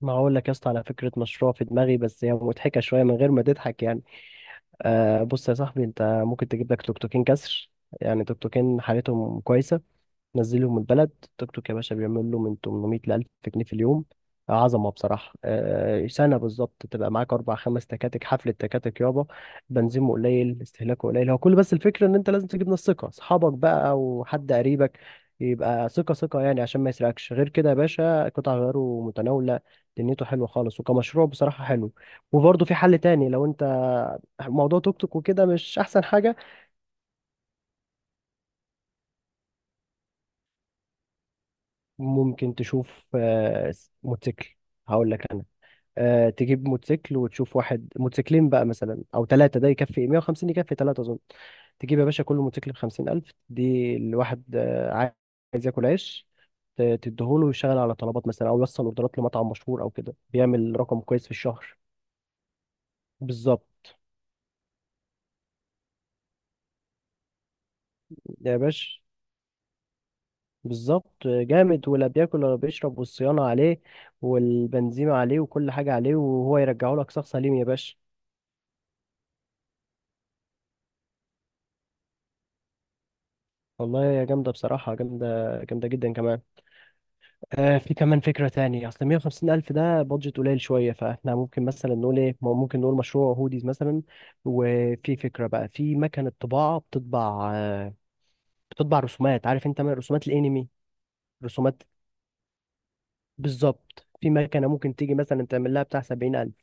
ما هقول لك يا اسطى، على فكره مشروع في دماغي، بس هي مضحكه شويه من غير ما تضحك يعني. آه بص يا صاحبي، انت ممكن تجيب لك توك توكين كسر. يعني توك توكين حالتهم كويسه. نزلهم البلد، التوك توك يا باشا بيعمل له من 800 ل 1000 جنيه في اليوم. عظمه بصراحه. سنه بالظبط تبقى معاك اربع خمس تكاتك، حفله تكاتك يابا. بنزيمه قليل، استهلاكه قليل، هو كل بس الفكره ان انت لازم تجيب ناس ثقه، اصحابك بقى او حد قريبك يبقى ثقه ثقه يعني، عشان ما يسرقكش. غير كده يا باشا قطع غيره متناوله، دنيته حلوه خالص، وكمشروع بصراحه حلو. وبرضه في حل تاني، لو انت موضوع توك توك وكده مش احسن حاجه، ممكن تشوف موتوسيكل. هقول لك، تجيب موتوسيكل وتشوف واحد موتوسيكلين بقى مثلا او ثلاثه، ده يكفي 150، يكفي ثلاثه اظن. تجيب يا باشا كل موتوسيكل ب 50,000. دي الواحد عايز ياكل عيش، تديهوله ويشتغل على طلبات مثلا، او يوصل اوردرات لمطعم مشهور او كده، بيعمل رقم كويس في الشهر. بالظبط يا باشا، بالظبط. جامد، ولا بياكل ولا بيشرب، والصيانه عليه والبنزيمه عليه وكل حاجه عليه، وهو يرجعه لك شخص سليم يا باشا. والله يا جامده، بصراحه جامده جامده جدا كمان. في كمان فكرة تانية، أصل 150 ألف ده بادجت قليل شوية، فإحنا ممكن مثلا نقول إيه، ممكن نقول مشروع هوديز مثلا. وفي فكرة بقى، في مكنة طباعة بتطبع، بتطبع رسومات، عارف أنت، من رسومات الأنمي، رسومات. بالظبط، في مكنة ممكن تيجي مثلا تعمل لها بتاع 70,000،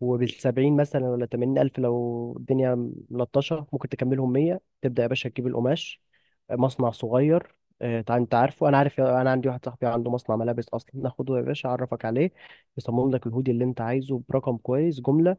وبالسبعين مثلا ولا 80,000، لو الدنيا ملطشة ممكن تكملهم مية. تبدأ يا باشا تجيب القماش، مصنع صغير. انت عارفه، انا عارف، انا عندي واحد صاحبي عنده مصنع ملابس اصلا، ناخده يا باشا اعرفك عليه، يصمم لك الهودي اللي انت عايزه برقم كويس جمله.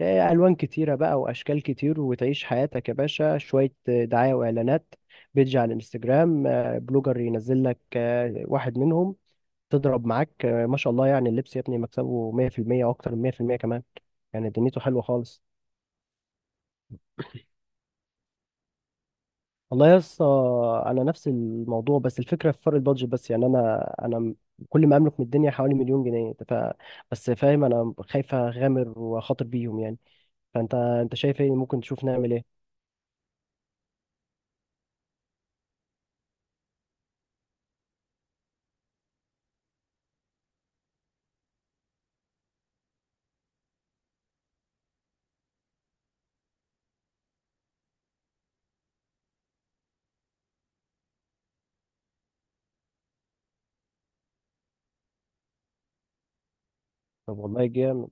الوان كتيره بقى واشكال كتير، وتعيش حياتك يا باشا. شويه دعايه واعلانات، بيدج على الانستجرام، بلوجر ينزل لك واحد منهم تضرب معاك، ما شاء الله يعني، اللبس يا ابني مكسبه 100%، واكتر من 100% كمان يعني. دنيته حلوه خالص. والله يا اسطى انا نفس الموضوع، بس الفكره في فرق البادجت، بس يعني كل ما املك من الدنيا حوالي مليون جنيه، بس فاهم، انا خايف اغامر واخاطر بيهم يعني. فانت انت شايف ايه؟ ممكن تشوف نعمل ايه؟ طب والله جامد.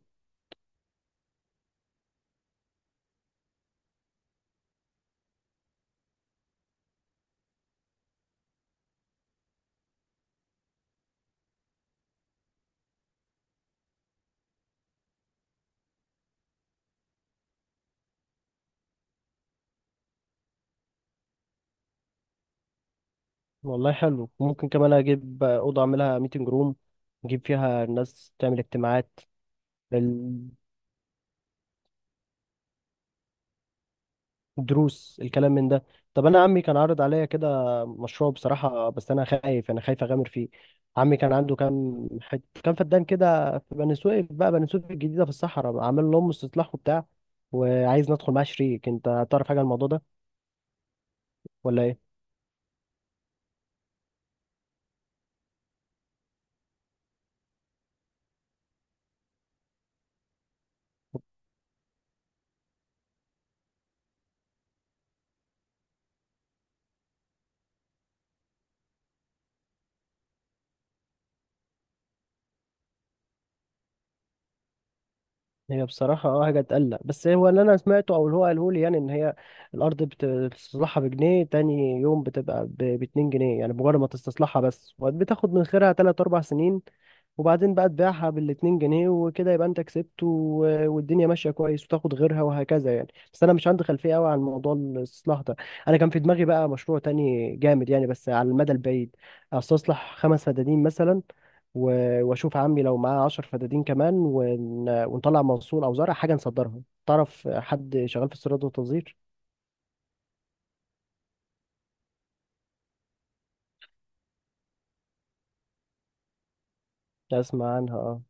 والله حلو، ممكن كمان اجيب اوضه اعملها ميتنج روم، نجيب فيها ناس تعمل اجتماعات، دروس الكلام من ده. طب انا عمي كان عارض عليا كده مشروع بصراحه، بس انا خايف اغامر فيه. عمي كان عنده كام كام فدان كده في بني سويف، بقى بني سويف الجديده، في الصحراء، عامل لهم استصلاح وبتاع، وعايز ندخل معاه شريك. انت تعرف حاجه عن الموضوع ده ولا ايه؟ هي بصراحة اه حاجة تقلق، بس هو اللي أنا سمعته أو اللي هو قاله لي يعني، إن هي الأرض بتستصلحها بجنيه، تاني يوم بتبقى باتنين جنيه، يعني مجرد ما تستصلحها، بس بتاخد من خيرها تلات أربع سنين، وبعدين بقى تبيعها بالاتنين جنيه وكده، يبقى أنت كسبت، والدنيا ماشية كويس، وتاخد غيرها وهكذا يعني. بس أنا مش عندي خلفية أوي عن موضوع الاستصلاح ده. أنا كان في دماغي بقى مشروع تاني جامد يعني، بس على المدى البعيد. أستصلح 5 فدادين مثلا، واشوف عمي لو معاه 10 فدادين كمان، ونطلع منصور، او زرع حاجه نصدرها. تعرف حد شغال في الصيدله والتصدير، اسمع عنها اه.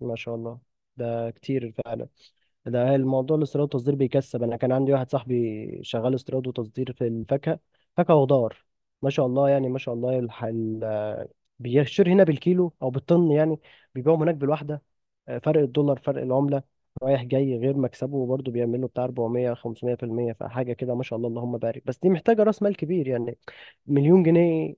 ما شاء الله، ده كتير فعلا. ده الموضوع الاستيراد والتصدير بيكسب. انا كان عندي واحد صاحبي شغال استيراد وتصدير في الفاكهه، فاكهه وخضار، ما شاء الله يعني، ما شاء الله. بيشتري هنا بالكيلو او بالطن يعني، بيبيعهم هناك بالواحده، فرق الدولار، فرق العملة، رايح جاي، غير مكسبه، وبرضه بيعمل له بتاع 400 500%. فحاجة كده ما شاء الله اللهم بارك، بس دي محتاجة راس مال كبير يعني. مليون جنيه.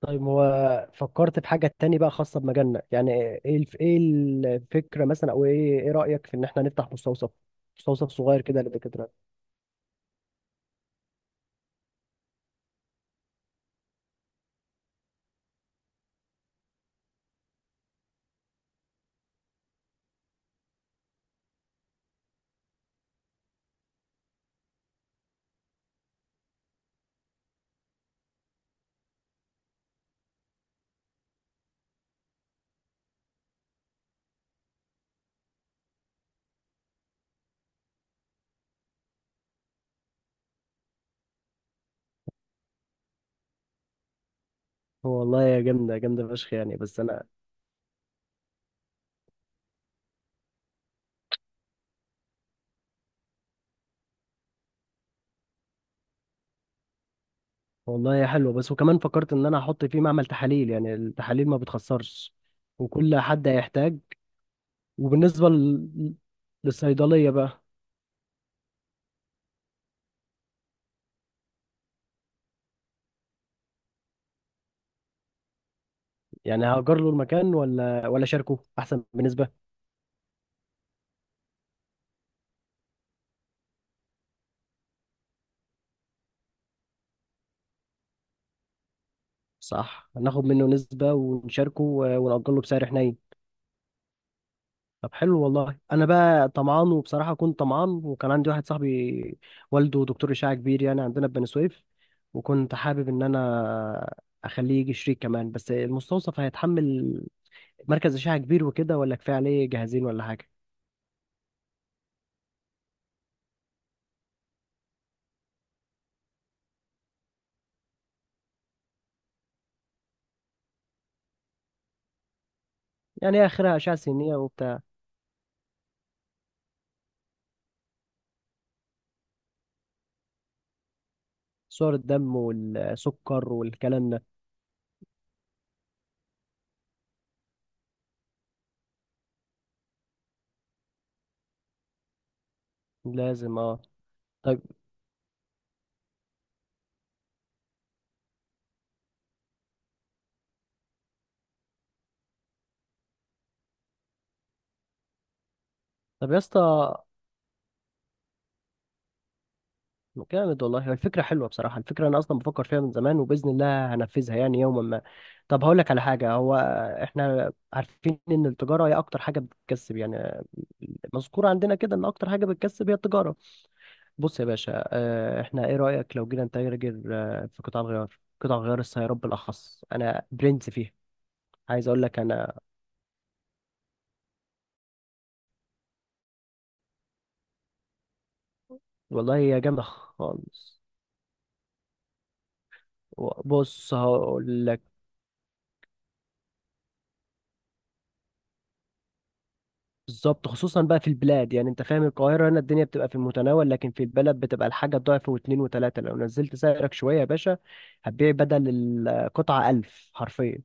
طيب هو، فكرت في حاجة تاني بقى خاصة بمجالنا يعني. ايه ايه الفكرة مثلا، او ايه، ايه رأيك في ان احنا نفتح مستوصف؟ مستوصف صغير كده للدكاترة. هو والله يا جامدة، جامدة فشخ يعني، بس انا. والله يا حلوة، بس وكمان فكرت ان انا احط فيه معمل تحاليل، يعني التحاليل ما بتخسرش، وكل حد هيحتاج. وبالنسبة للصيدلية بقى، يعني هأجر له المكان، ولا أشاركه أحسن بنسبة؟ صح، ناخد منه نسبة ونشاركه، ونأجر له بسعر حنين. طب حلو، والله أنا بقى طمعان، وبصراحة كنت طمعان، وكان عندي واحد صاحبي والده دكتور أشعة كبير يعني، عندنا في بني سويف. وكنت حابب إن أنا أخليه يجي شريك كمان، بس المستوصف هيتحمل مركز أشعة كبير وكده، ولا كفاية عليه جهازين ولا حاجة؟ يعني آخرها أشعة سينية وبتاع، صور الدم والسكر والكلام ده. لازم اه. طيب. طب يا اسطى، جامد والله، هي الفكرة حلوة بصراحة، الفكرة أنا أصلا بفكر فيها من زمان، وبإذن الله هنفذها يعني يوما ما. طب هقول لك على حاجة، هو إحنا عارفين إن التجارة هي أكتر حاجة بتكسب يعني، مذكورة عندنا كده إن أكتر حاجة بتكسب هي التجارة. بص يا باشا، إحنا، إيه رأيك لو جينا نتاجر في قطاع الغيار، قطاع غيار السيارات بالأخص، أنا برنس فيها. عايز أقول لك أنا. والله هي جامدة خالص. بص هقول لك. بالظبط، خصوصا بقى في البلاد يعني، انت فاهم، القاهرة هنا الدنيا بتبقى في المتناول، لكن في البلد بتبقى الحاجة ضعف واتنين وتلاتة. لو نزلت سعرك شوية يا باشا هتبيع، بدل القطعة 1000، حرفيا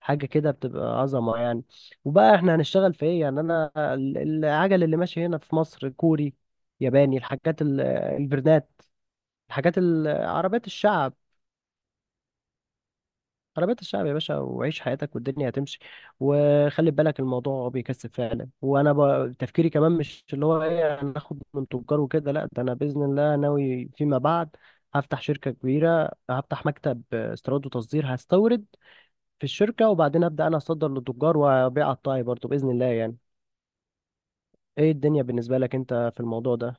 حاجة كده بتبقى عظمة يعني. وبقى احنا هنشتغل في ايه يعني؟ انا العجل اللي ماشي هنا في مصر كوري، ياباني، الحاجات البرنات، الحاجات عربيات الشعب. عربية الشعب يا باشا، وعيش حياتك والدنيا هتمشي. وخلي بالك الموضوع بيكسب فعلا، وانا تفكيري كمان، مش اللي هو ايه، انا اخد من تجار وكده لا، ده انا باذن الله ناوي فيما بعد هفتح شركة كبيرة، هفتح مكتب استيراد وتصدير، هستورد في الشركة وبعدين ابدا انا اصدر للتجار، وابيع قطاعي برضو باذن الله يعني. ايه الدنيا بالنسبة لك انت في الموضوع ده؟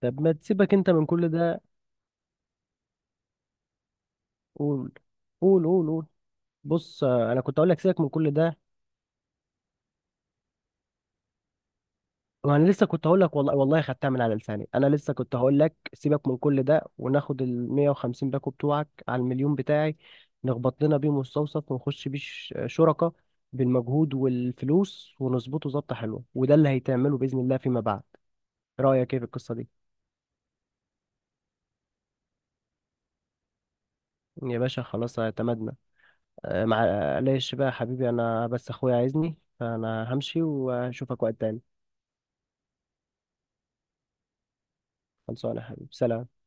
طب ما تسيبك انت من كل ده. قول قول قول. قول. بص، انا كنت اقول لك سيبك من كل ده. ما انا لسه كنت هقول لك، والله والله خدتها من على لساني، انا لسه كنت هقول لك سيبك من كل ده، وناخد ال 150 باكو بتوعك على المليون بتاعي، نخبط لنا بيه مستوصف، ونخش بيه شركة، بالمجهود والفلوس ونظبطه ظبطة حلوة، وده اللي هيتعمله بإذن الله فيما بعد. رأيك ايه في القصة دي؟ يا باشا خلاص، اعتمدنا. أه، معلش بقى يا حبيبي، انا بس اخويا عايزني، فانا همشي واشوفك وقت تاني. خلصانة يا حبيبي، سلام.